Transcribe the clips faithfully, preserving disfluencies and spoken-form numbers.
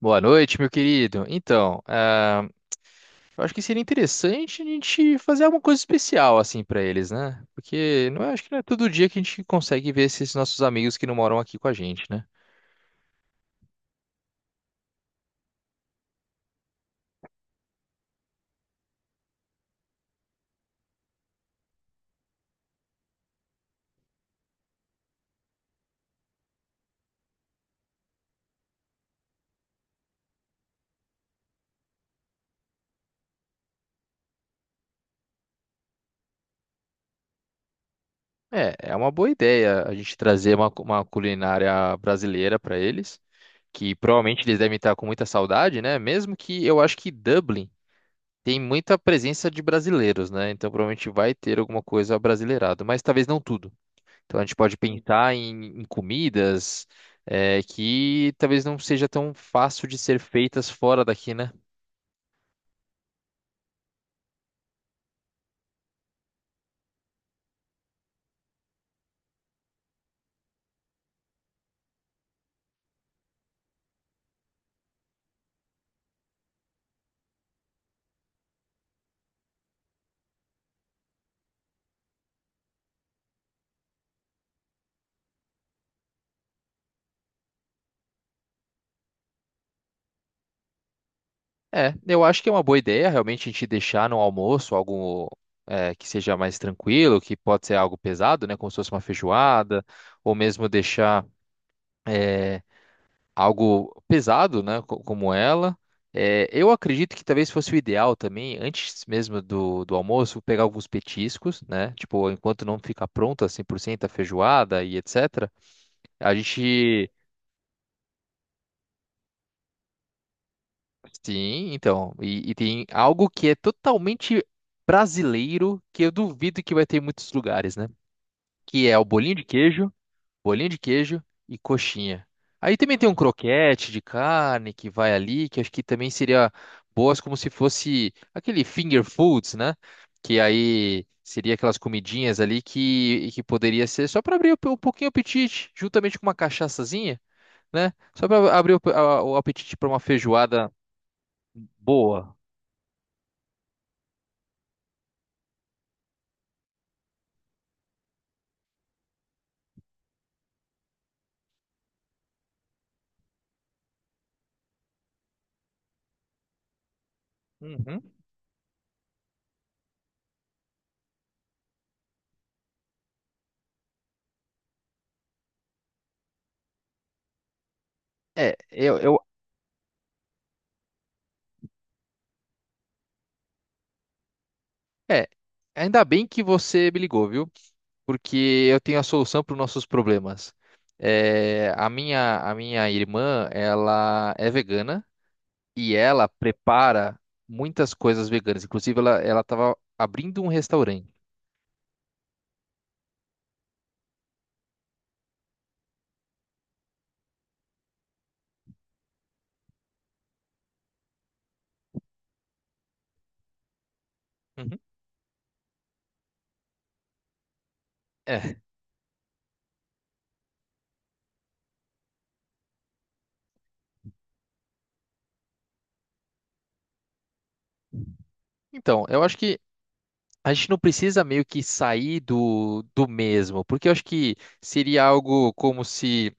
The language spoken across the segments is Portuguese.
Boa noite, meu querido. Então, ah, eu acho que seria interessante a gente fazer alguma coisa especial assim pra eles, né? Porque não é, acho que não é todo dia que a gente consegue ver esses nossos amigos que não moram aqui com a gente, né? É, é uma boa ideia a gente trazer uma, cu- uma culinária brasileira pra eles, que provavelmente eles devem estar com muita saudade, né? Mesmo que eu acho que Dublin tem muita presença de brasileiros, né? Então provavelmente vai ter alguma coisa brasileirada, mas talvez não tudo. Então a gente pode pensar em, em comidas é, que talvez não seja tão fácil de ser feitas fora daqui, né? É, eu acho que é uma boa ideia realmente a gente deixar no almoço algo é, que seja mais tranquilo, que pode ser algo pesado, né? Como se fosse uma feijoada, ou mesmo deixar. eh, Algo pesado, né, co- como ela. É, eu acredito que talvez fosse o ideal também, antes mesmo do, do almoço, pegar alguns petiscos, né? Tipo, enquanto não fica pronta cem por cento a feijoada e etcetera. A gente. Sim, então. E, e tem algo que é totalmente brasileiro, que eu duvido que vai ter em muitos lugares, né? Que é o bolinho de queijo, bolinha de queijo e coxinha. Aí também tem um croquete de carne que vai ali, que acho que também seria boas como se fosse aquele finger foods, né? Que aí seria aquelas comidinhas ali que, que poderia ser só para abrir um pouquinho o apetite, juntamente com uma cachaçazinha, né? Só para abrir o, a- o apetite para uma feijoada boa. Uhum. É, eu, eu É, ainda bem que você me ligou, viu? Porque eu tenho a solução para os nossos problemas. É, a minha, a minha irmã, ela é vegana e ela prepara muitas coisas veganas. Inclusive, ela, ela tava abrindo um restaurante. Uhum. É. Então, eu acho que a gente não precisa meio que sair do, do mesmo, porque eu acho que seria algo como se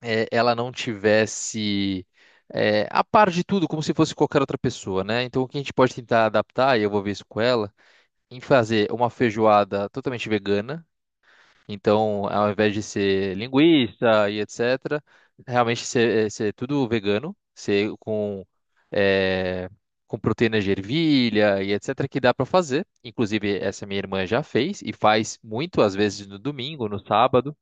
eh, ela não tivesse eh, a par de tudo, como se fosse qualquer outra pessoa, né? Então, o que a gente pode tentar adaptar, e eu vou ver isso com ela, em fazer uma feijoada totalmente vegana. Então, ao invés de ser linguiça e etcetera, realmente ser, eh, ser tudo vegano, ser com, eh, com proteína de ervilha e etcetera, que dá para fazer. Inclusive, essa minha irmã já fez e faz muito, às vezes no domingo, no sábado.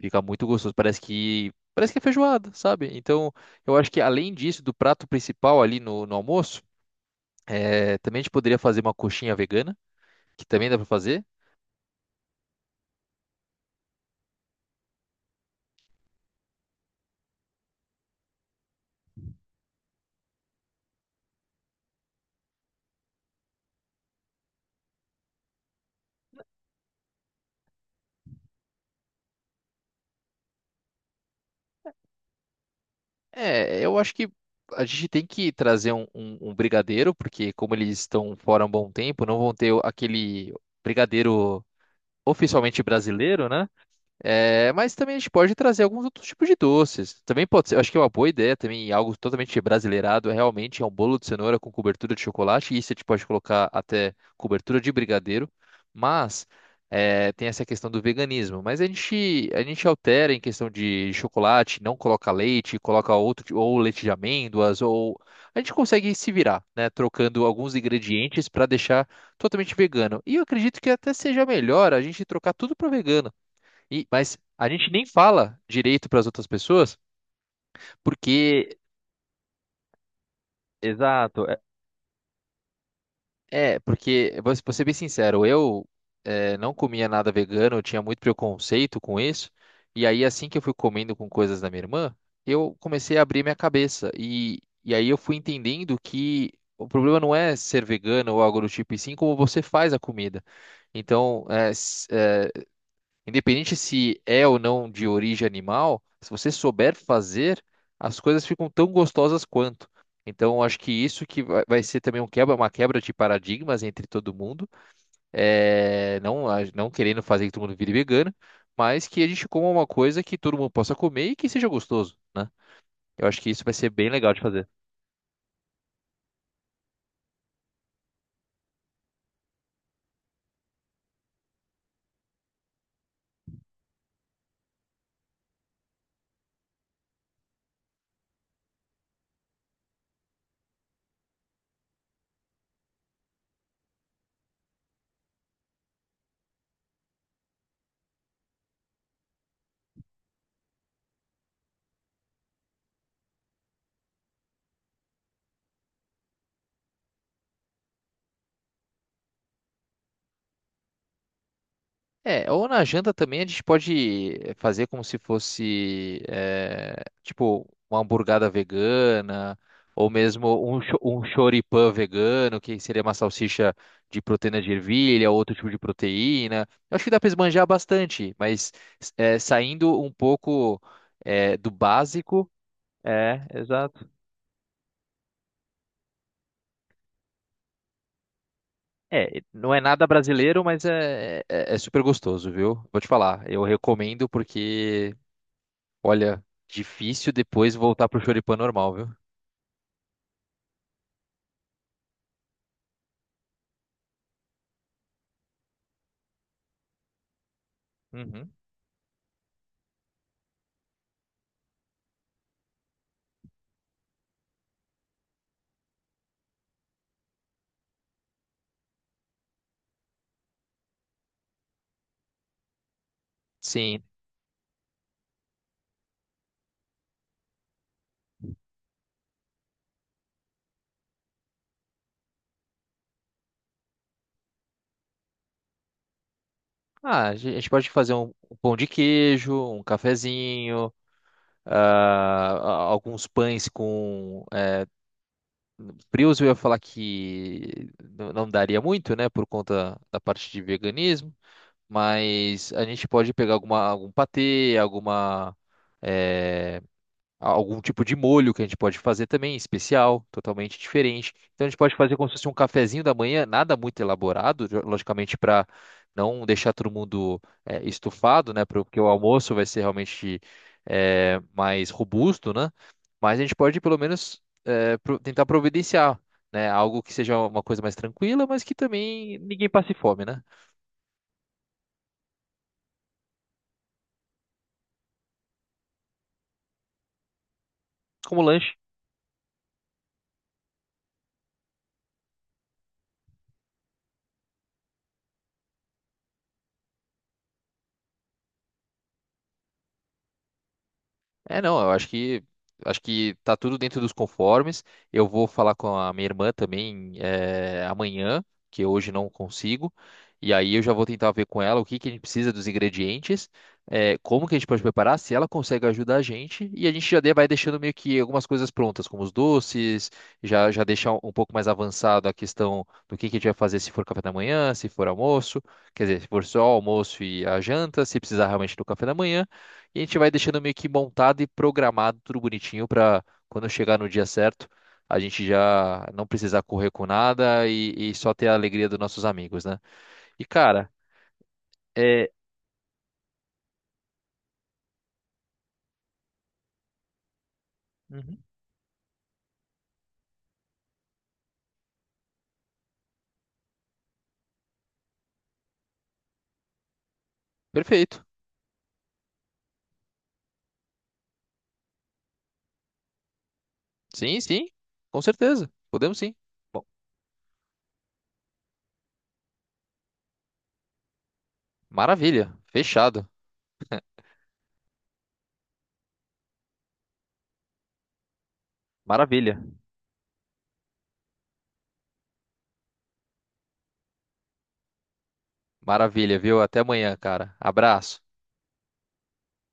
Fica muito gostoso. Parece que parece que é feijoada, sabe? Então, eu acho que além disso, do prato principal ali no, no almoço, é, também a gente poderia fazer uma coxinha vegana, que também dá pra fazer. É, eu acho que a gente tem que trazer um, um- um brigadeiro, porque como eles estão fora há um bom tempo, não vão ter o- aquele brigadeiro oficialmente brasileiro, né? É, mas também a gente pode trazer alguns outros tipos de doces. Também pode ser, eu acho que é uma boa ideia também, algo totalmente brasileirado, é realmente é um bolo de cenoura com cobertura de chocolate, e isso a gente pode colocar até cobertura de brigadeiro, mas é, tem essa questão do veganismo. Mas a gente, a gente altera em questão de chocolate, não coloca leite, coloca outro, ti- ou leite de amêndoas, ou a gente consegue se virar, né, trocando alguns ingredientes para deixar totalmente vegano. E eu acredito que até seja melhor a gente trocar tudo para vegano. E, mas a gente nem fala direito para as outras pessoas, porque exato. É, é, porque vou vou ser bem sincero, eu é, não comia nada vegano, eu tinha muito preconceito com isso. E aí assim que eu fui comendo com coisas da minha irmã, eu comecei a abrir minha cabeça e e aí eu fui entendendo que o problema não é ser vegano ou algo do tipo, e sim como você faz a comida. Então, é, independente se é ou não de origem animal, se você souber fazer, as coisas ficam tão gostosas quanto. Então, eu acho que isso que vai vai ser também um quebra, uma quebra de paradigmas entre todo mundo, é, não, a- não querendo fazer que todo mundo vire vegano, mas que a gente coma uma coisa que todo mundo possa comer e que seja gostoso, né? Eu acho que isso vai ser bem legal de fazer. É, ou na janta também a gente pode eh, fazer como se fosse, eh, tipo, uma hamburgada vegana, ou mesmo um, cho- um choripã vegano, que seria uma salsicha de proteína de ervilha, outro tipo de proteína. Eu acho que dá para esbanjar bastante, mas eh, saindo um pouco eh, do básico. É, exato. É, não é nada brasileiro, mas é, é, é super gostoso, viu? Vou te falar, eu recomendo porque olha, difícil depois voltar pro choripã normal, viu? Uhum. Sim. Ah, a gen- a gente pode fazer um, um pão de queijo, um cafezinho, ah, a- alguns pães com eh, frios. Eu ia falar que n- não daria muito, né, por conta da parte de veganismo, mas a gente pode pegar alguma, algum patê, alguma eh, algum tipo de molho que a gente pode fazer também, especial, totalmente diferente. Então a gente pode fazer como se fosse um cafezinho da manhã, nada muito elaborado, jo- logicamente para não deixar todo mundo eh, estufado, né? pro- Porque o almoço vai ser realmente eh, mais robusto, né? Mas a gente pode pelo menos eh, pro- tentar providenciar, né? Algo que seja uma coisa mais tranquila, mas que também ninguém passe fome, né? Como lanche. É, não, eu acho que acho que tá tudo dentro dos conformes. Eu vou falar com a minha irmã também eh, amanhã, que hoje não consigo. E aí eu já vou tentar ver com ela o que que a gente precisa dos ingredientes, eh, como que a gente pode preparar, se ela consegue ajudar a gente. E a gente já de- vai deixando meio que algumas coisas prontas, como os doces, já já deixar um um pouco mais avançado a questão do que que a gente vai fazer se for café da manhã, se for almoço, quer dizer, se for só almoço e a janta, se precisar realmente do café da manhã. E a gente vai deixando meio que montado e programado tudo bonitinho para quando chegar no dia certo, a gente já não precisar correr com nada e, e só ter a alegria dos nossos amigos, né? E cara, é, uhum. Perfeito. Sim, sim, com certeza. Podemos sim. Bom, maravilha. Fechado. Maravilha. Maravilha, viu? Até amanhã, cara. Abraço.